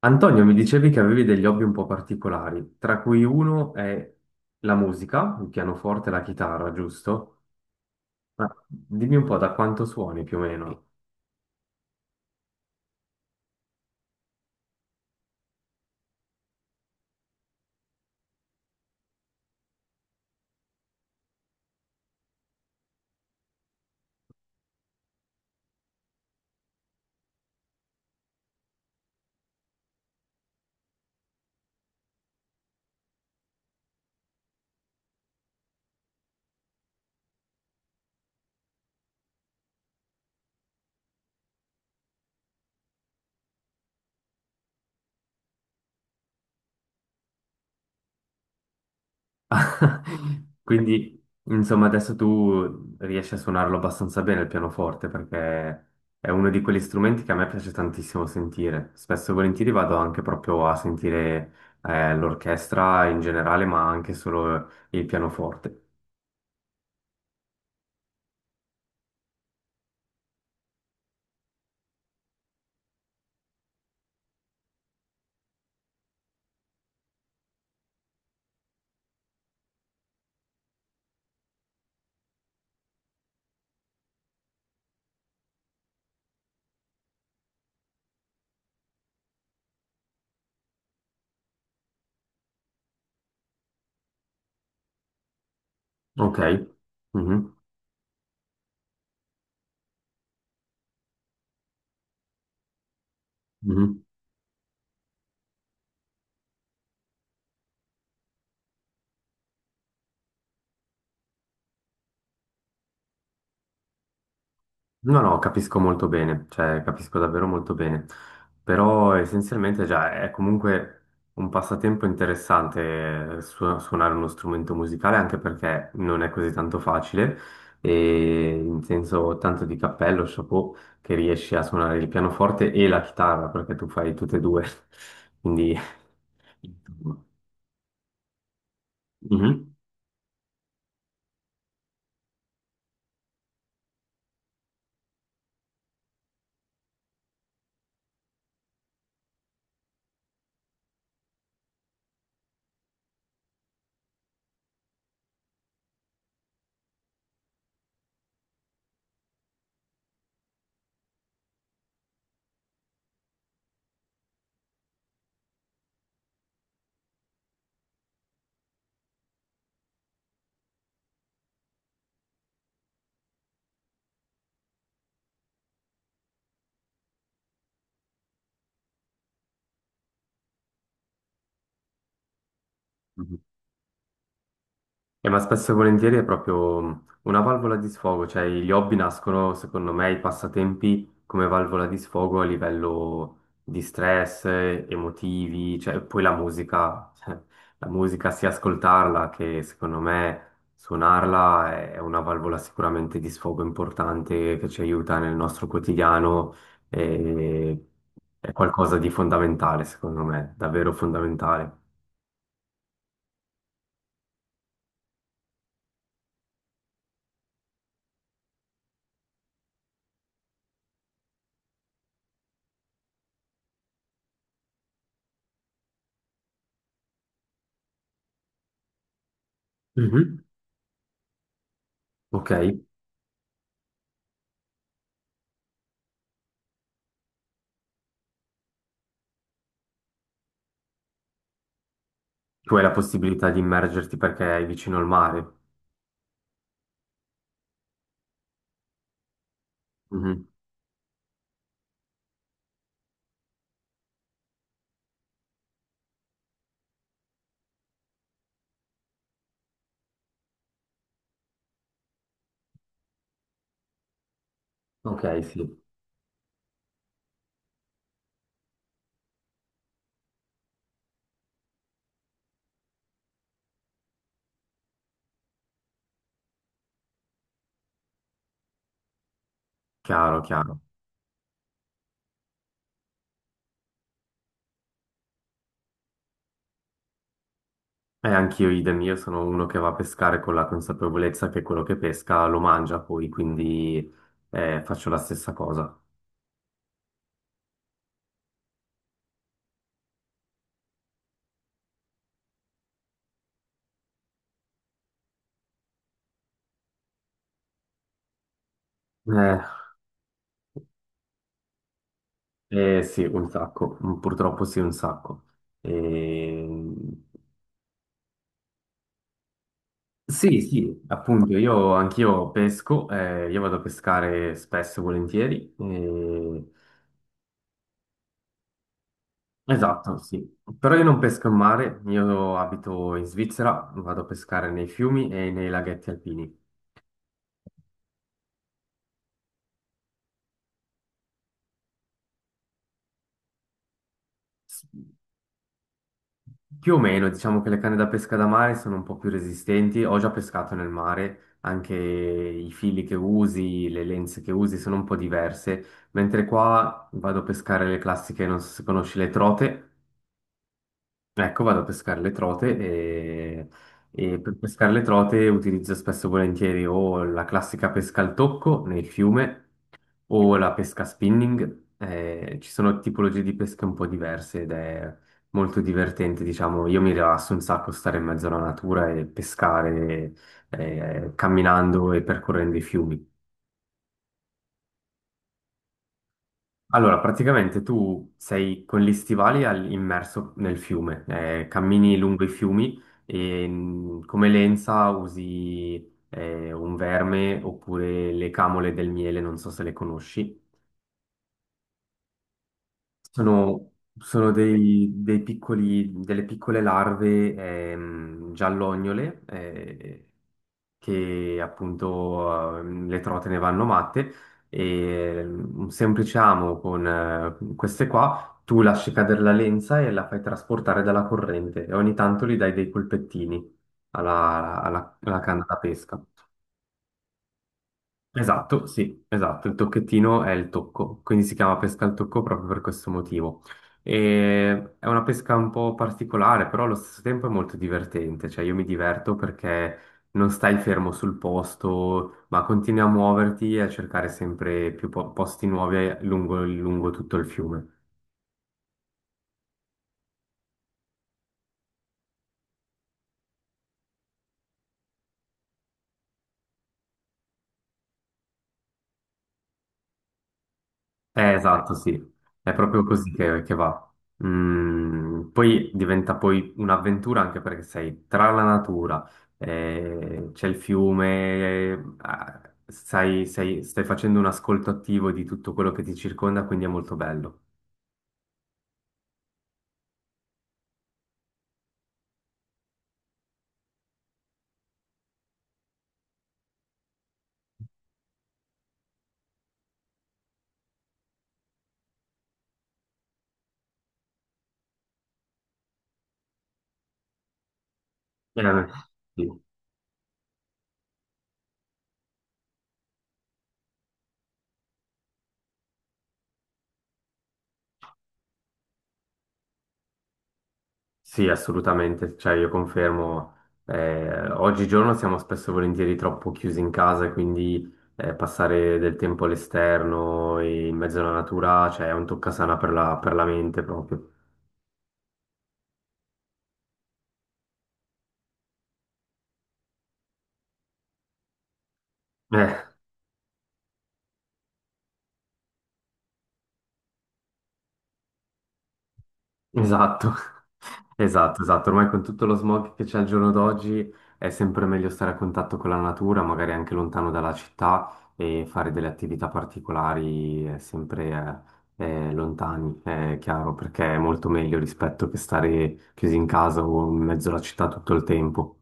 Antonio, mi dicevi che avevi degli hobby un po' particolari, tra cui uno è la musica, il pianoforte e la chitarra, giusto? Ma dimmi un po' da quanto suoni più o meno. Quindi, insomma, adesso tu riesci a suonarlo abbastanza bene il pianoforte, perché è uno di quegli strumenti che a me piace tantissimo sentire. Spesso e volentieri vado anche proprio a sentire l'orchestra in generale, ma anche solo il pianoforte. Ok. Mhm. Mhm. No, no, capisco molto bene, cioè capisco davvero molto bene, però essenzialmente già è comunque un passatempo interessante suonare uno strumento musicale, anche perché non è così tanto facile e in senso tanto di cappello, chapeau, che riesci a suonare il pianoforte e la chitarra, perché tu fai tutte e due, quindi... Mhm. Ma spesso e volentieri è proprio una valvola di sfogo, cioè gli hobby nascono, secondo me, i passatempi come valvola di sfogo a livello di stress, emotivi, cioè poi la musica, cioè, la musica sia ascoltarla che secondo me suonarla è una valvola sicuramente di sfogo importante che ci aiuta nel nostro quotidiano e è qualcosa di fondamentale, secondo me, davvero fondamentale. Mhm. Ok. Tu hai la possibilità di immergerti perché è vicino al mare. Mhm. Ok, sì, chiaro, chiaro. E anch'io, idem, io sono uno che va a pescare con la consapevolezza che quello che pesca lo mangia poi, quindi faccio la stessa cosa. Eh, sì, un sacco. Mm, purtroppo sì, un sacco. Ehm, Sì, sì, appunto, io anch'io pesco, io vado a pescare spesso e volentieri. Esatto, sì. Però io non pesco in mare, io abito in Svizzera, vado a pescare nei fiumi e nei laghetti alpini. S- più o meno, diciamo che le canne da pesca da mare sono un po' più resistenti. Ho già pescato nel mare, anche i fili che usi, le lenze che usi sono un po' diverse. Mentre qua vado a pescare le classiche, non so se conosci le trote. Ecco, vado a pescare le trote e... e per pescare le trote utilizzo spesso e volentieri o la classica pesca al tocco nel fiume o la pesca spinning. Ci sono tipologie di pesche un po' diverse ed è molto divertente, diciamo. Io mi rilasso un sacco stare in mezzo alla natura e pescare camminando e percorrendo i fiumi. Allora, praticamente tu sei con gli stivali immerso nel fiume, cammini lungo i fiumi e come lenza usi un verme oppure le camole del miele, non so se le conosci. Sono, sono dei piccoli, delle piccole larve giallognole, che appunto le trote ne vanno matte, e un semplice amo con queste qua, tu lasci cadere la lenza e la fai trasportare dalla corrente e ogni tanto gli dai dei colpettini alla canna da pesca. Esatto, sì, esatto, il tocchettino è il tocco, quindi si chiama pesca al tocco proprio per questo motivo. E è una pesca un po' particolare, però allo stesso tempo è molto divertente, cioè io mi diverto perché non stai fermo sul posto, ma continui a muoverti e a cercare sempre più posti nuovi lungo, lungo tutto il fiume. Esatto, sì, è proprio così che va. Mm, poi diventa poi un'avventura anche perché sei tra la natura, c'è il fiume, stai facendo un ascolto attivo di tutto quello che ti circonda, quindi è molto bello. Veramente. Sì. Sì, assolutamente, cioè io confermo, oggigiorno siamo spesso e volentieri troppo chiusi in casa, e quindi passare del tempo all'esterno e in mezzo alla natura, cioè è un toccasana per la mente proprio. Esatto, esatto, esatto. Ormai con tutto lo smog che c'è al giorno d'oggi è sempre meglio stare a contatto con la natura, magari anche lontano dalla città e fare delle attività particolari, sempre, lontani, è chiaro, perché è molto meglio rispetto che stare chiusi in casa o in mezzo alla città tutto il tempo.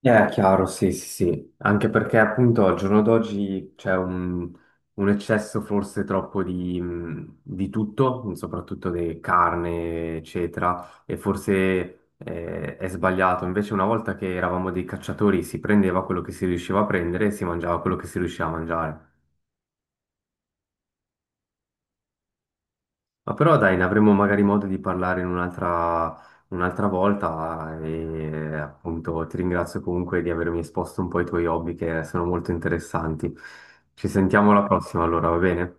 Chiaro, sì, sì, sì, anche perché appunto al giorno d'oggi c'è un eccesso forse troppo di tutto, soprattutto di carne, eccetera, e forse è sbagliato. Invece una volta che eravamo dei cacciatori si prendeva quello che si riusciva a prendere e si mangiava quello che si riusciva a mangiare. Ma però dai, ne avremo magari modo di parlare in un'altra volta e appunto ti ringrazio comunque di avermi esposto un po' i tuoi hobby che sono molto interessanti. Ci sentiamo alla prossima allora, va bene?